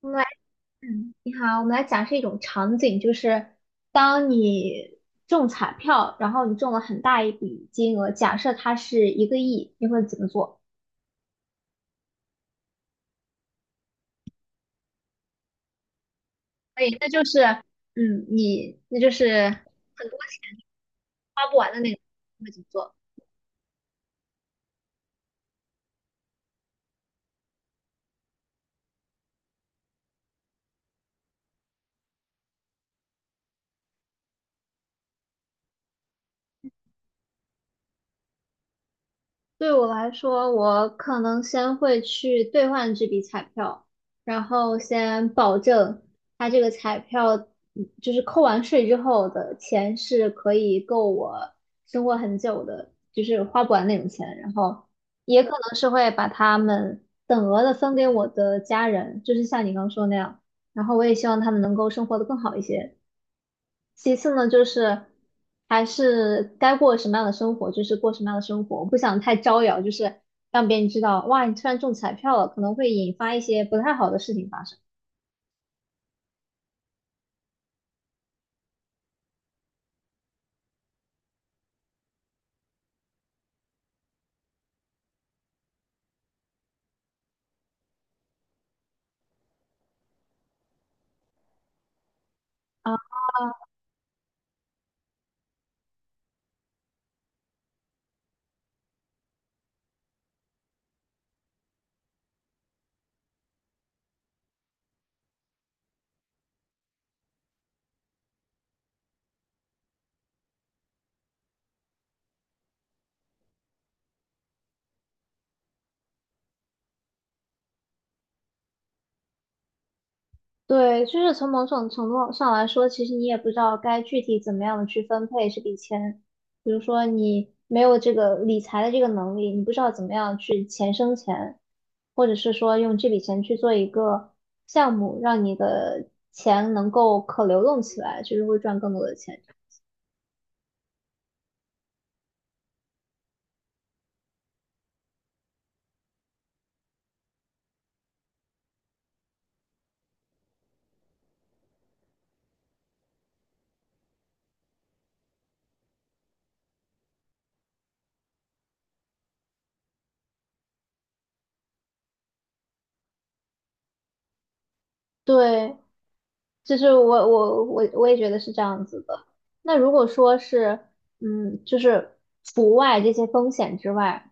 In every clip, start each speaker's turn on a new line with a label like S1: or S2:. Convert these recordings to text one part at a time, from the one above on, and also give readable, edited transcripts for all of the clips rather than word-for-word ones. S1: 我们来，嗯，你好，我们来假设一种场景，就是当你中彩票，然后你中了很大一笔金额，假设它是1个亿，你会怎么做？可以，那就是，你那就是很多花不完的那个，你会怎么做？对我来说，我可能先会去兑换这笔彩票，然后先保证它这个彩票，就是扣完税之后的钱是可以够我生活很久的，就是花不完那种钱。然后也可能是会把他们等额的分给我的家人，就是像你刚说那样。然后我也希望他们能够生活的更好一些。其次呢，就是还是该过什么样的生活，就是过什么样的生活。我不想太招摇，就是让别人知道，哇，你突然中彩票了，可能会引发一些不太好的事情发生。啊，对，就是从某种程度上来说，其实你也不知道该具体怎么样的去分配这笔钱。比如说，你没有这个理财的这个能力，你不知道怎么样去钱生钱，或者是说用这笔钱去做一个项目，让你的钱能够可流动起来，就是会赚更多的钱。对，就是我也觉得是这样子的。那如果说是，就是除外这些风险之外。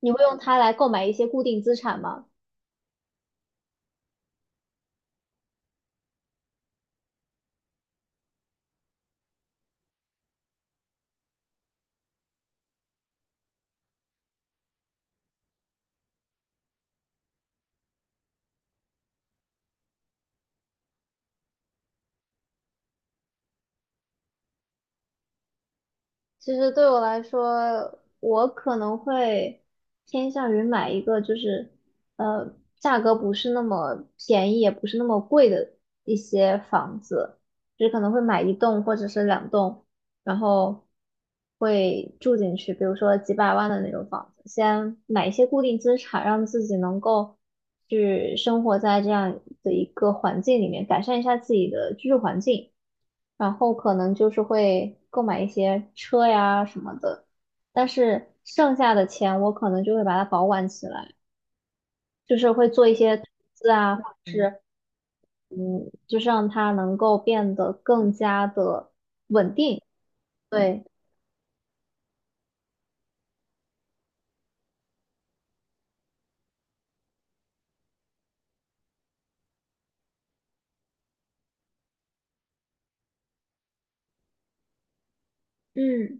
S1: 你会用它来购买一些固定资产吗？其实对我来说，我可能会偏向于买一个就是呃价格不是那么便宜，也不是那么贵的一些房子，就是可能会买一栋或者是两栋，然后会住进去，比如说几百万的那种房子，先买一些固定资产，让自己能够去生活在这样的一个环境里面，改善一下自己的居住环境，然后可能就是会购买一些车呀什么的，但是剩下的钱我可能就会把它保管起来，就是会做一些投资啊，或者是就是让它能够变得更加的稳定，对。嗯。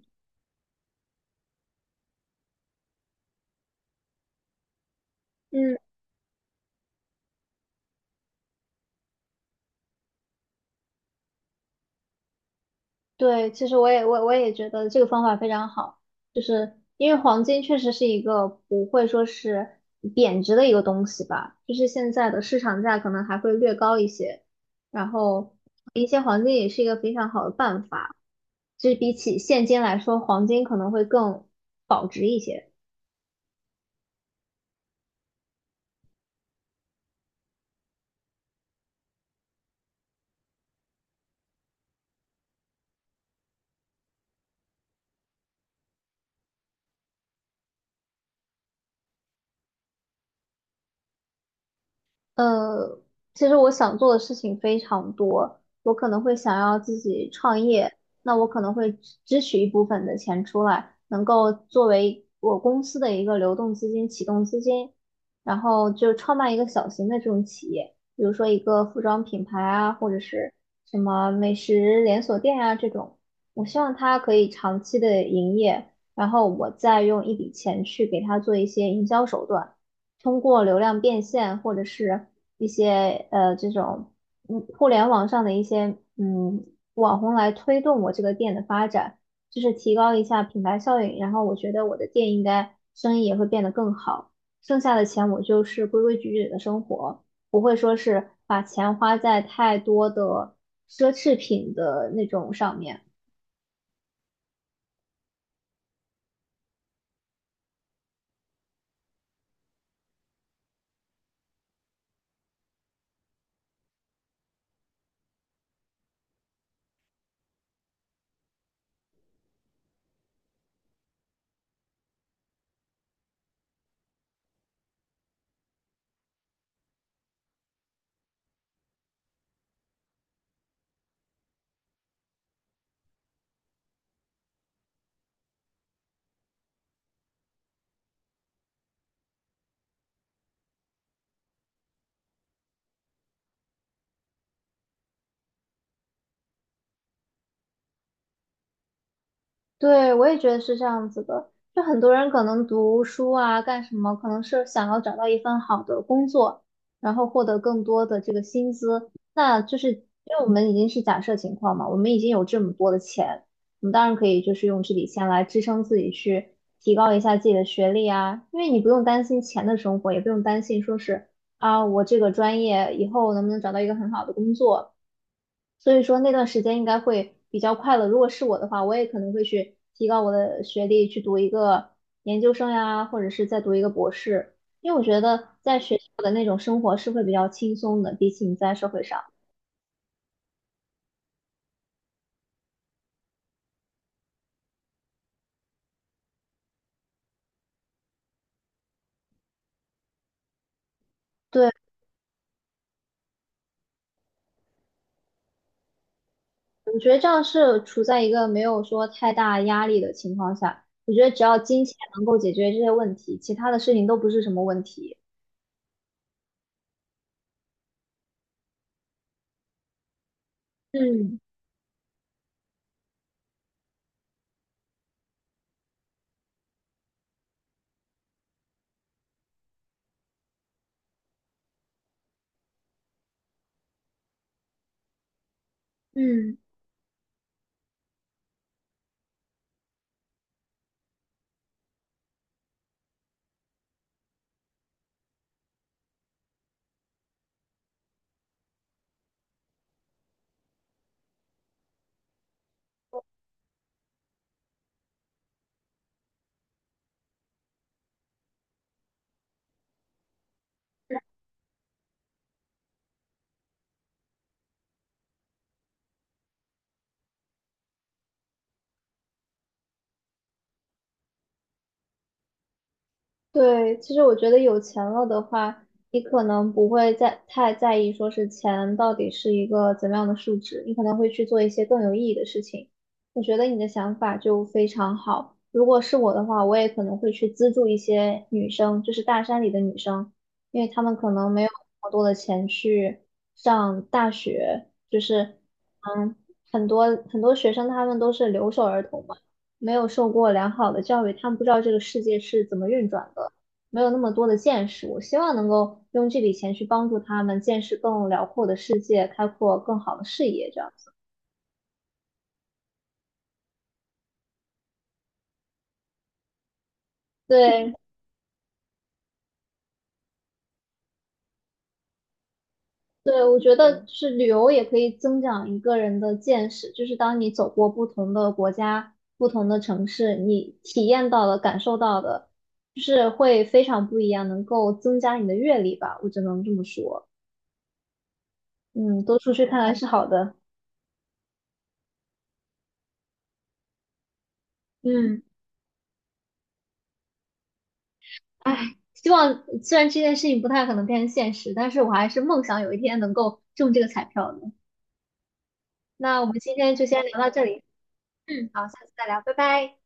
S1: 嗯，对，其实我也觉得这个方法非常好，就是因为黄金确实是一个不会说是贬值的一个东西吧，就是现在的市场价可能还会略高一些，然后一些黄金也是一个非常好的办法，就是比起现金来说，黄金可能会更保值一些。呃，其实我想做的事情非常多，我可能会想要自己创业，那我可能会支取一部分的钱出来，能够作为我公司的一个流动资金、启动资金，然后就创办一个小型的这种企业，比如说一个服装品牌啊，或者是什么美食连锁店啊这种，我希望它可以长期的营业，然后我再用一笔钱去给它做一些营销手段。通过流量变现或者是一些这种互联网上的一些网红来推动我这个店的发展，就是提高一下品牌效应，然后我觉得我的店应该生意也会变得更好，剩下的钱我就是规规矩矩的生活，不会说是把钱花在太多的奢侈品的那种上面。对，我也觉得是这样子的。就很多人可能读书啊，干什么，可能是想要找到一份好的工作，然后获得更多的这个薪资。那就是因为我们已经是假设情况嘛，我们已经有这么多的钱，我们当然可以就是用这笔钱来支撑自己去提高一下自己的学历啊。因为你不用担心钱的生活，也不用担心说是啊，我这个专业以后能不能找到一个很好的工作。所以说那段时间应该会比较快乐。如果是我的话，我也可能会去提高我的学历，去读一个研究生呀，或者是再读一个博士，因为我觉得在学校的那种生活是会比较轻松的，比起你在社会上。对，我觉得这样是处在一个没有说太大压力的情况下，我觉得只要金钱能够解决这些问题，其他的事情都不是什么问题。嗯嗯。对，其实我觉得有钱了的话，你可能不会在太在意说是钱到底是一个怎么样的数值，你可能会去做一些更有意义的事情。我觉得你的想法就非常好。如果是我的话，我也可能会去资助一些女生，就是大山里的女生，因为她们可能没有那么多的钱去上大学，就是嗯，很多很多学生他们都是留守儿童嘛。没有受过良好的教育，他们不知道这个世界是怎么运转的，没有那么多的见识。我希望能够用这笔钱去帮助他们见识更辽阔的世界，开阔更好的视野，这样子。对对，我觉得是旅游也可以增长一个人的见识，就是当你走过不同的国家、不同的城市，你体验到的、感受到的，就是会非常不一样，能够增加你的阅历吧，我只能这么说。嗯，多出去看看是好的。嗯。唉，希望虽然这件事情不太可能变成现实，但是我还是梦想有一天能够中这个彩票的。那我们今天就先聊到这里，嗯，好，下次再聊，拜拜。